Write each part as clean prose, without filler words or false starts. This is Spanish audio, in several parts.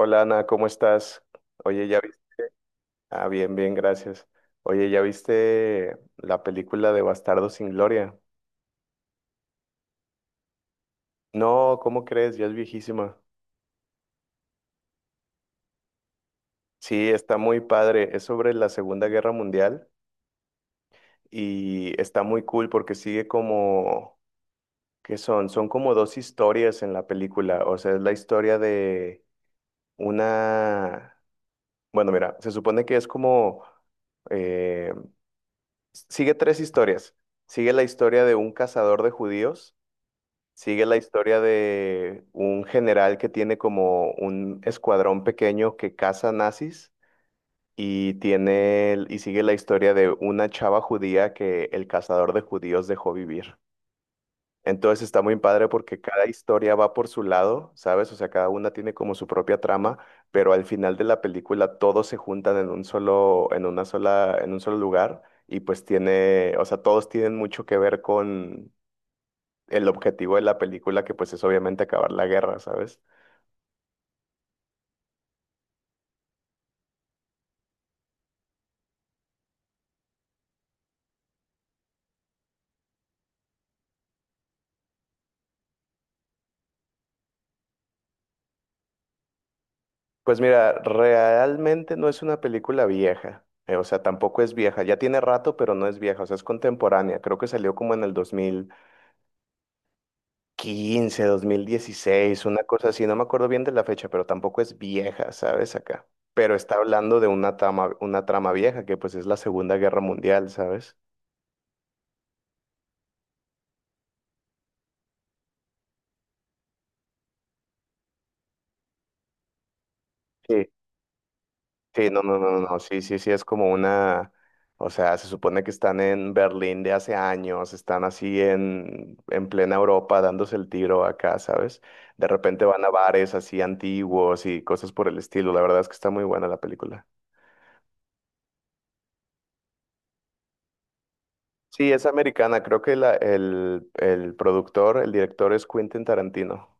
Hola Ana, ¿cómo estás? Oye, ya viste. Ah, bien, bien, gracias. Oye, ¿ya viste la película de Bastardos sin Gloria? No, ¿cómo crees? Ya es viejísima. Sí, está muy padre. Es sobre la Segunda Guerra Mundial y está muy cool porque sigue como, ¿qué son? Son como dos historias en la película. O sea, es la historia de una. Bueno, mira, se supone que es como, eh, sigue tres historias. Sigue la historia de un cazador de judíos. Sigue la historia de un general que tiene como un escuadrón pequeño que caza nazis, y sigue la historia de una chava judía que el cazador de judíos dejó vivir. Entonces está muy padre porque cada historia va por su lado, ¿sabes? O sea, cada una tiene como su propia trama, pero al final de la película todos se juntan en un solo, en una sola, en un solo lugar y pues tiene, o sea, todos tienen mucho que ver con el objetivo de la película, que pues es obviamente acabar la guerra, ¿sabes? Pues mira, realmente no es una película vieja, o sea, tampoco es vieja, ya tiene rato, pero no es vieja, o sea, es contemporánea, creo que salió como en el dos mil quince, 2016, una cosa así, no me acuerdo bien de la fecha, pero tampoco es vieja, ¿sabes? Acá. Pero está hablando de una trama vieja, que pues es la Segunda Guerra Mundial, ¿sabes? Sí. Sí, no, no, no, no, sí, sí, sí, es como una, o sea, se supone que están en Berlín de hace años, están así en plena Europa dándose el tiro acá, ¿sabes? De repente van a bares así antiguos y cosas por el estilo, la verdad es que está muy buena la película. Sí, es americana, creo que el productor, el director es Quentin Tarantino.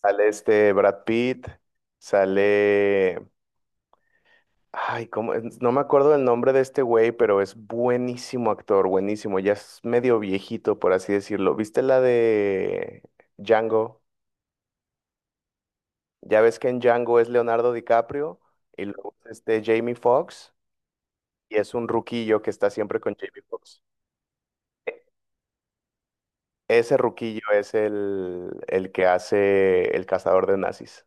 Sale este Brad Pitt, sale. Ay, no me acuerdo el nombre de este güey, pero es buenísimo actor, buenísimo. Ya es medio viejito, por así decirlo. ¿Viste la de Django? Ya ves que en Django es Leonardo DiCaprio y luego es este Jamie Foxx y es un ruquillo que está siempre con Jamie Foxx. E- Ese ruquillo es el que hace el cazador de nazis.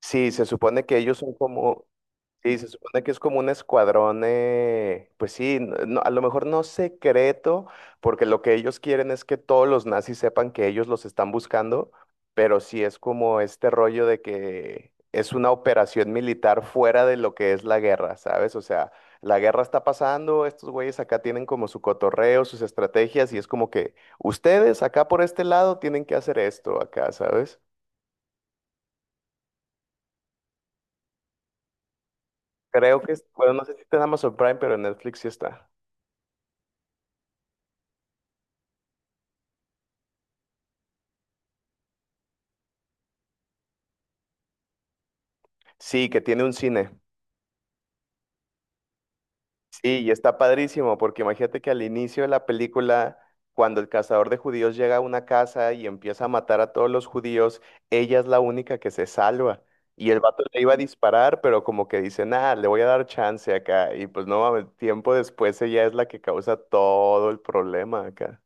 Sí, se supone que ellos son como, sí, se supone que es como un escuadrón, pues sí, a lo mejor no secreto, porque lo que ellos quieren es que todos los nazis sepan que ellos los están buscando, pero sí es como este rollo de que es una operación militar fuera de lo que es la guerra, ¿sabes? O sea, la guerra está pasando, estos güeyes acá tienen como su cotorreo, sus estrategias, y es como que ustedes acá por este lado tienen que hacer esto acá, ¿sabes? Creo que, bueno, no sé si está en Amazon Prime, pero en Netflix sí está. Sí, que tiene un cine. Sí, y está padrísimo, porque imagínate que al inicio de la película, cuando el cazador de judíos llega a una casa y empieza a matar a todos los judíos, ella es la única que se salva. Y el vato le iba a disparar, pero como que dice, nada, le voy a dar chance acá. Y pues no, mames, tiempo después ella es la que causa todo el problema acá.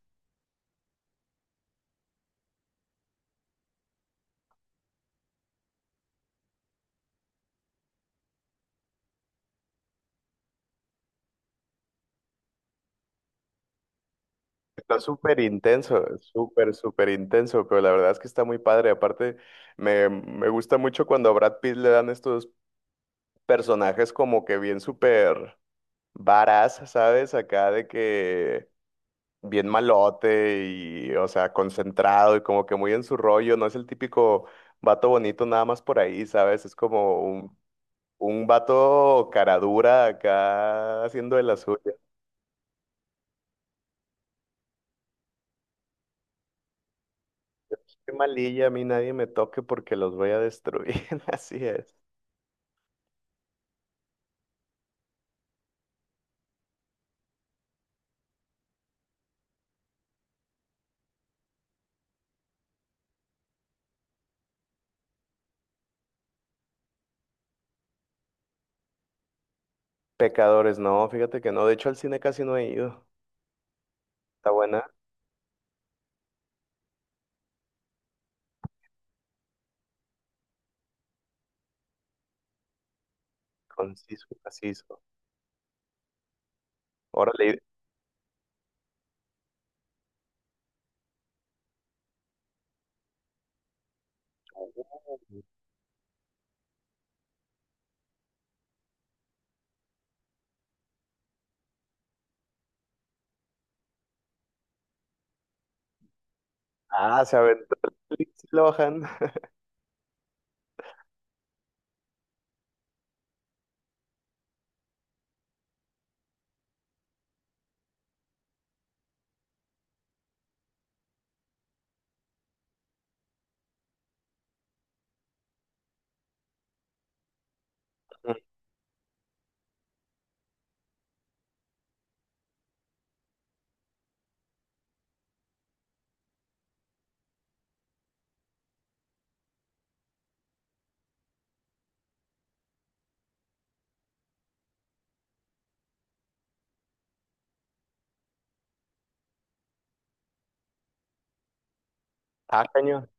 Está súper intenso, súper, súper intenso, pero la verdad es que está muy padre. Aparte, me gusta mucho cuando a Brad Pitt le dan estos personajes como que bien súper varas, ¿sabes? Acá de que bien malote y, o sea, concentrado y como que muy en su rollo, no es el típico vato bonito nada más por ahí, ¿sabes? Es como un vato cara dura acá haciendo de las suyas. Qué malilla, a mí nadie me toque porque los voy a destruir, así es. Pecadores, no, fíjate que no, de hecho al cine casi no he ido. Está buena, conciso, y conciso. Órale. Ah, se aventó el Lindsay Lohan. Ah, cañón.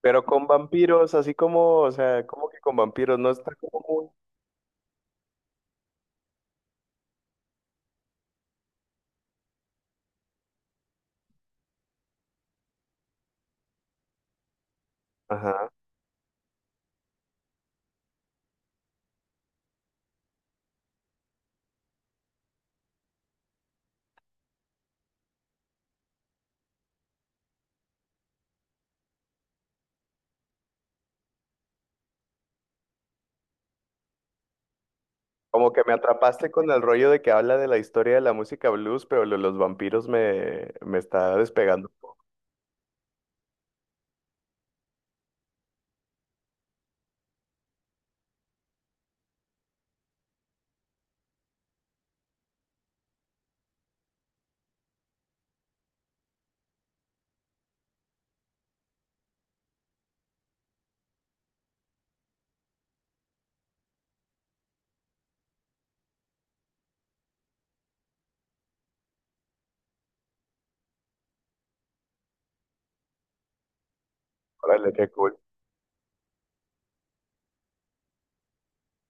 Pero con vampiros, así como, o sea, como que con vampiros no está como muy. Ajá. Como que me atrapaste con el rollo de que habla de la historia de la música blues, pero lo de los vampiros me está despegando. Órale, qué cool.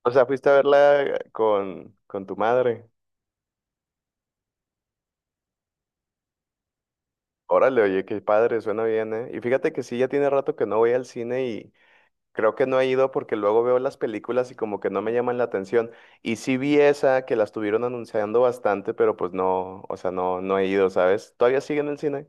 O sea, fuiste a verla con tu madre. Órale, oye, qué padre, suena bien, ¿eh? Y fíjate que sí, ya tiene rato que no voy al cine. Creo que no he ido porque luego veo las películas y como que no me llaman la atención. Y sí vi esa que la estuvieron anunciando bastante, pero pues no, o sea, no, no he ido, ¿sabes? ¿Todavía sigue en el cine?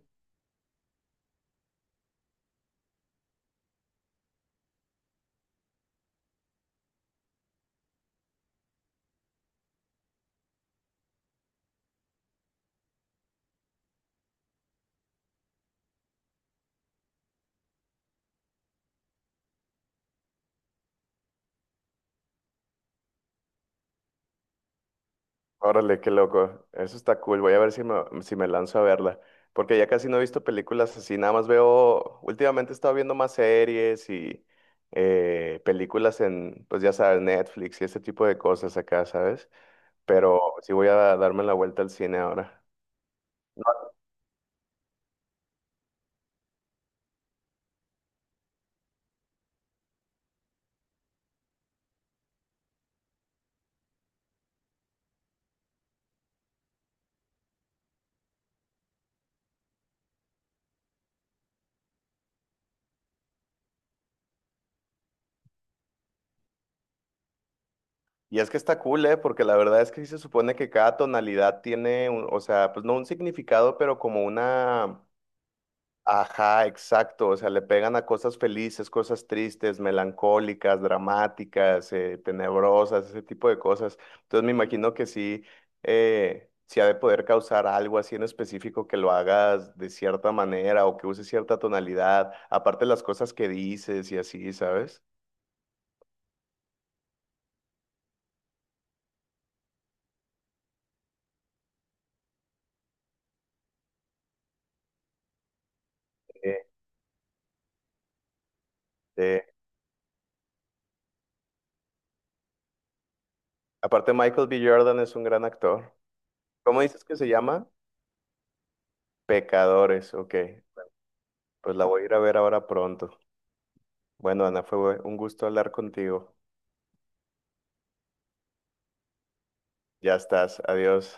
Órale, qué loco. Eso está cool. Voy a ver si me, si me lanzo a verla. Porque ya casi no he visto películas así. Nada más veo, últimamente he estado viendo más series y películas en, pues ya sabes, Netflix y ese tipo de cosas acá, ¿sabes? Pero sí voy a darme la vuelta al cine ahora. Y es que está cool, ¿eh? Porque la verdad es que sí se supone que cada tonalidad tiene, o sea, pues no un significado, pero como una. Ajá, exacto. O sea, le pegan a cosas felices, cosas tristes, melancólicas, dramáticas, tenebrosas, ese tipo de cosas. Entonces me imagino que sí, sí ha de poder causar algo así en específico que lo hagas de cierta manera o que uses cierta tonalidad, aparte las cosas que dices y así, ¿sabes? Eh, eh, Aparte Michael B. Jordan es un gran actor. ¿Cómo dices que se llama? Pecadores, ok. Pues la voy a ir a ver ahora pronto. Bueno, Ana, fue un gusto hablar contigo. Ya estás, adiós.